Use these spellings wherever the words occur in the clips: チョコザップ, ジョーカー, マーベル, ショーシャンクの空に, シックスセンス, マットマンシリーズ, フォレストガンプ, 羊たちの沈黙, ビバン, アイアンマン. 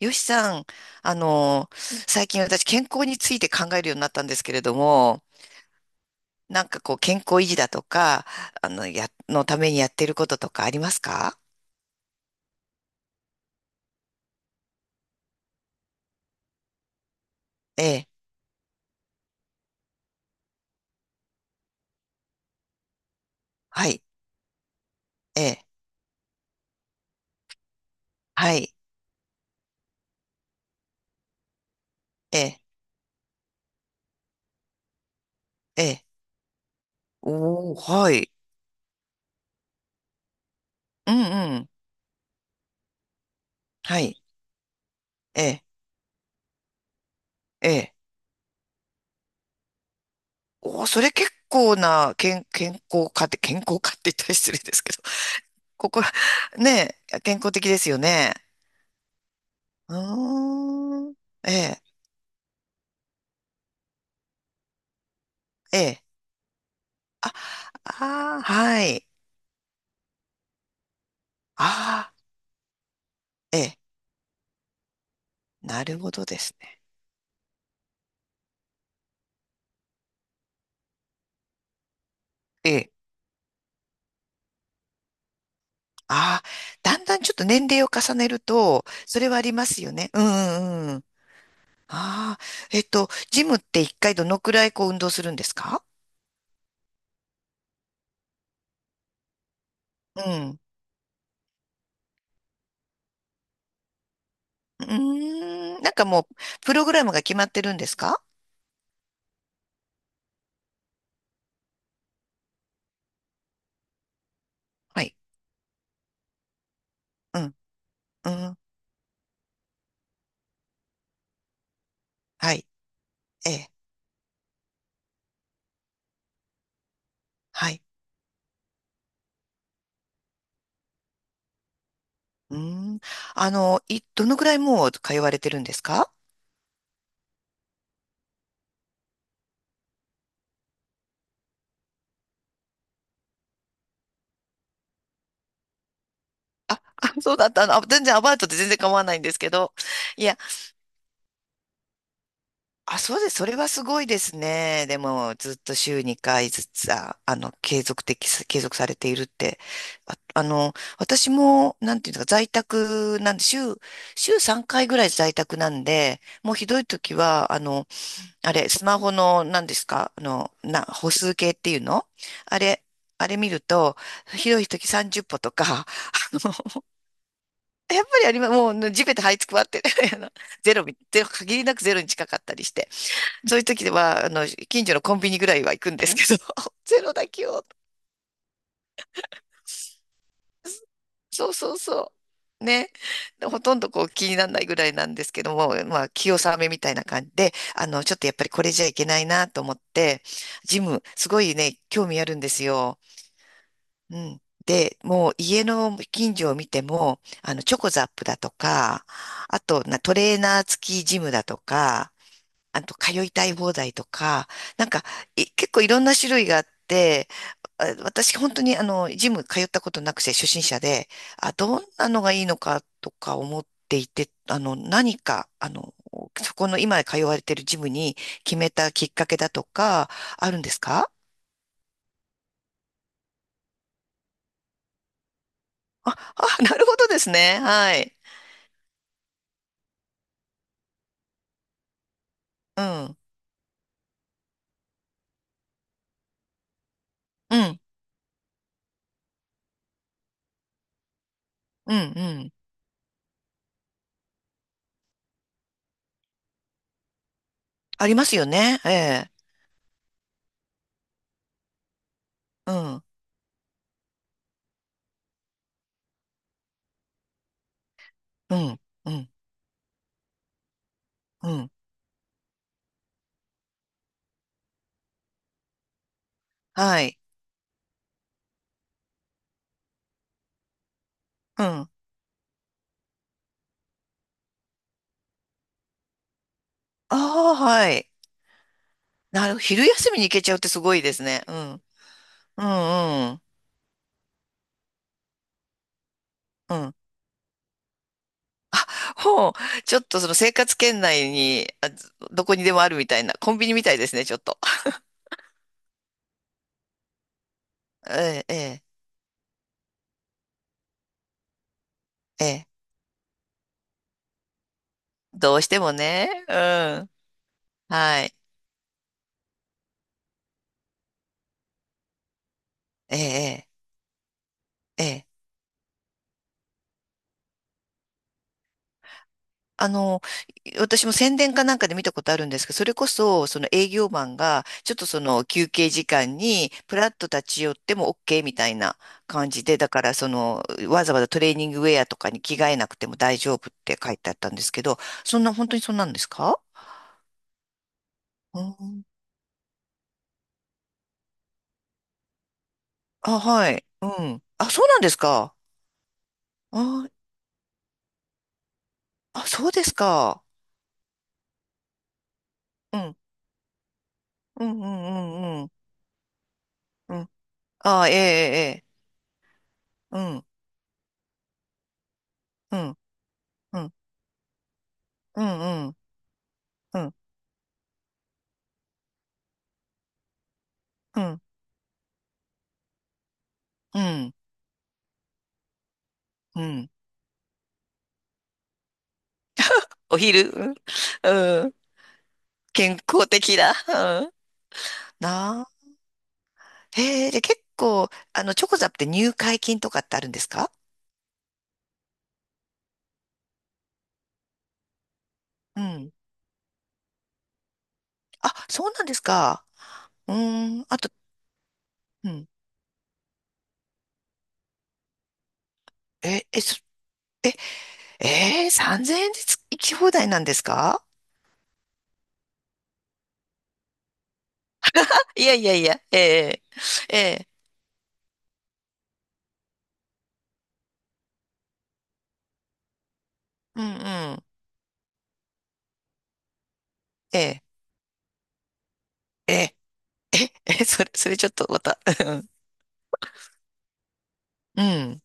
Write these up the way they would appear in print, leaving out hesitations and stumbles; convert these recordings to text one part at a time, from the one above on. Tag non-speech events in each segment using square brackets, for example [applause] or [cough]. よしさん、あの、最近私健康について考えるようになったんですけれども、なんかこう健康維持だとか、のためにやってることとかありますか？ええ。はい。ええ。はい。ええ。ええ。おー、はい。うんうん。はい。ええ。ええ。おー、それ結構な健康家って、健康家って言ったら失礼ですけど、[laughs] ここ、ねえ、健康的ですよね。うーん。ええ。ええ。あ、ああ、はい。ああ、ええ、なるほどですね。ええ、ああ、だんだんちょっと年齢を重ねると、それはありますよね。うんうんうん。ああ、ジムって一回どのくらいこう運動するんですか？うん。うーん、なんかもう、プログラムが決まってるんですか？はい。うん、うん、はい、ええ、はい。うーん。どのくらいもう通われてるんですか？あ [laughs] そうだった。あ、全然アバウトで全然構わないんですけど。いや、あ、そうです。それはすごいですね。でも、ずっと週2回ずつ、あ、継続されているって。あ、私も、なんていうのか、在宅なんで、週3回ぐらい在宅なんで、もうひどい時は、あれ、スマホの、何ですか、歩数計っていうの、あれ、あれ見ると、ひどい時30歩とか、[laughs] やっぱりあります。もう、地べた這いつくばって、[laughs] ゼロ、ゼロ、限りなくゼロに近かったりして、そういう時は、近所のコンビニぐらいは行くんですけど、[laughs] ゼロだけを。そうそうそう。ね。でほとんどこう気にならないぐらいなんですけども、まあ、気さめみたいな感じで、ちょっとやっぱりこれじゃいけないなと思って、ジム、すごいね、興味あるんですよ。うん。で、もう家の近所を見ても、チョコザップだとか、あと、トレーナー付きジムだとか、あと、通いたい放題とか、なんか、結構いろんな種類があって、あ、私本当にジム通ったことなくて初心者で、あ、どんなのがいいのかとか思っていて、何か、そこの今通われてるジムに決めたきっかけだとか、あるんですか？ [laughs] あ、なるほどですね。はい。うん。うん。うん。うん。ありますよね。ええ。うん。うん。うん。うん。はい。うん。ああ、はい。昼休みに行けちゃうってすごいですね。うん。うん、うん。うん。ほう。ちょっとその生活圏内に、あ、どこにでもあるみたいな、コンビニみたいですね、ちょっと。[laughs] ええ、ええ、ええ。どうしてもね。うん。はい。ええ、ええ。ええ、あの、私も宣伝かなんかで見たことあるんですけど、それこそ、その営業マンが、ちょっとその休憩時間に、プラッと立ち寄っても OK みたいな感じで、だからその、わざわざトレーニングウェアとかに着替えなくても大丈夫って書いてあったんですけど、そんな、本当にそんなんですか？うん。あ、はい。うん。あ、そうなんですか。あ、あ、そうですか。うん。うん、うん、うん、うん。うん。あ、ええ、ええ。うん、うん、うん、うん、うん、うん、うん。うんうん。お昼、うん、うん。健康的だ。うん。なあ。へえ、で、結構、チョコザップって入会金とかってあるんですか？うん。あ、そうなんですか。うーん。あと、うん。え、そえー、3000円で行き放題なんですか？ [laughs] いやいやいや、ええええ、うんうん、えええええ、え、それちょっとまた、[laughs] うんうん。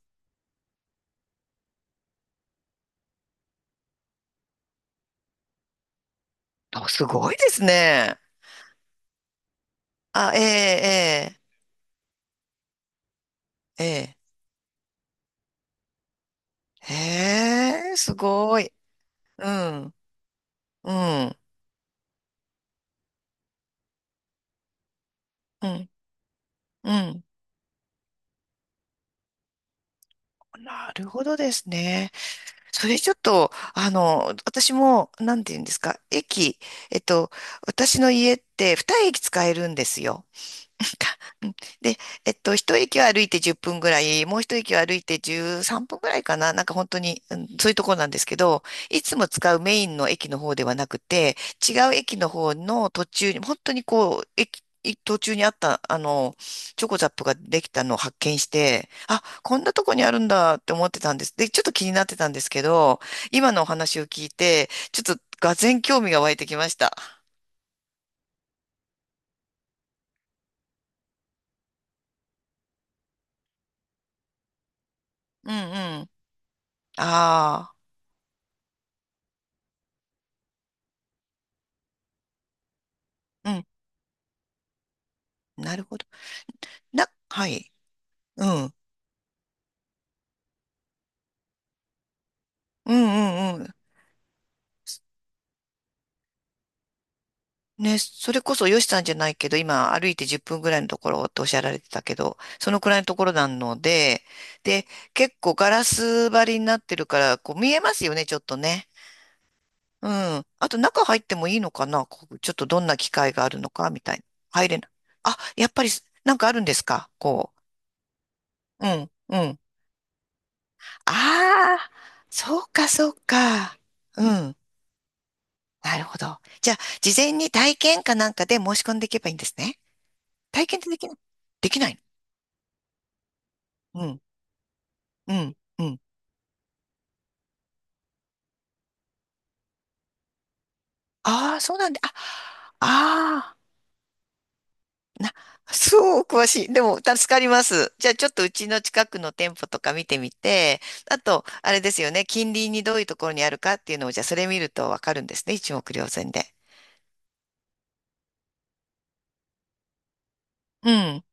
あすごいですね。あ、ええええええ、へえ、すごい。うん、うん、うん、うん。なるほどですね。それちょっと、私も、なんて言うんですか、えっと、私の家って二駅使えるんですよ。うん。で、一駅を歩いて10分ぐらい、もう一駅を歩いて13分ぐらいかな、なんか本当に、うん、そういうところなんですけど、いつも使うメインの駅の方ではなくて、違う駅の方の途中に、本当にこう、途中にあった、チョコザップができたのを発見して、あ、こんなとこにあるんだって思ってたんです。で、ちょっと気になってたんですけど、今のお話を聞いて、ちょっと画然興味が湧いてきました。うんうん。ああ、うん、なるほど。はい。うん。うんうんうん。ね、それこそヨシさんじゃないけど、今歩いて10分ぐらいのところっておっしゃられてたけど、そのくらいのところなので、で、結構ガラス張りになってるから、こう見えますよね、ちょっとね。うん。あと中入ってもいいのかな、こうちょっとどんな機会があるのかみたいな。入れない。あ、やっぱりなんかあるんですか？こう。うん、うん。ああ、そうか、そうか。うん。なるほど。じゃあ、事前に体験かなんかで申し込んでいけばいいんですね。体験ってできない？できないの？うん、うん、うん。ああ、そうなんだ。あ、ああ、そう、詳しい。でも、助かります。じゃあ、ちょっとうちの近くの店舗とか見てみて、あと、あれですよね、近隣にどういうところにあるかっていうのを、じゃあ、それ見るとわかるんですね。一目瞭然で。うん。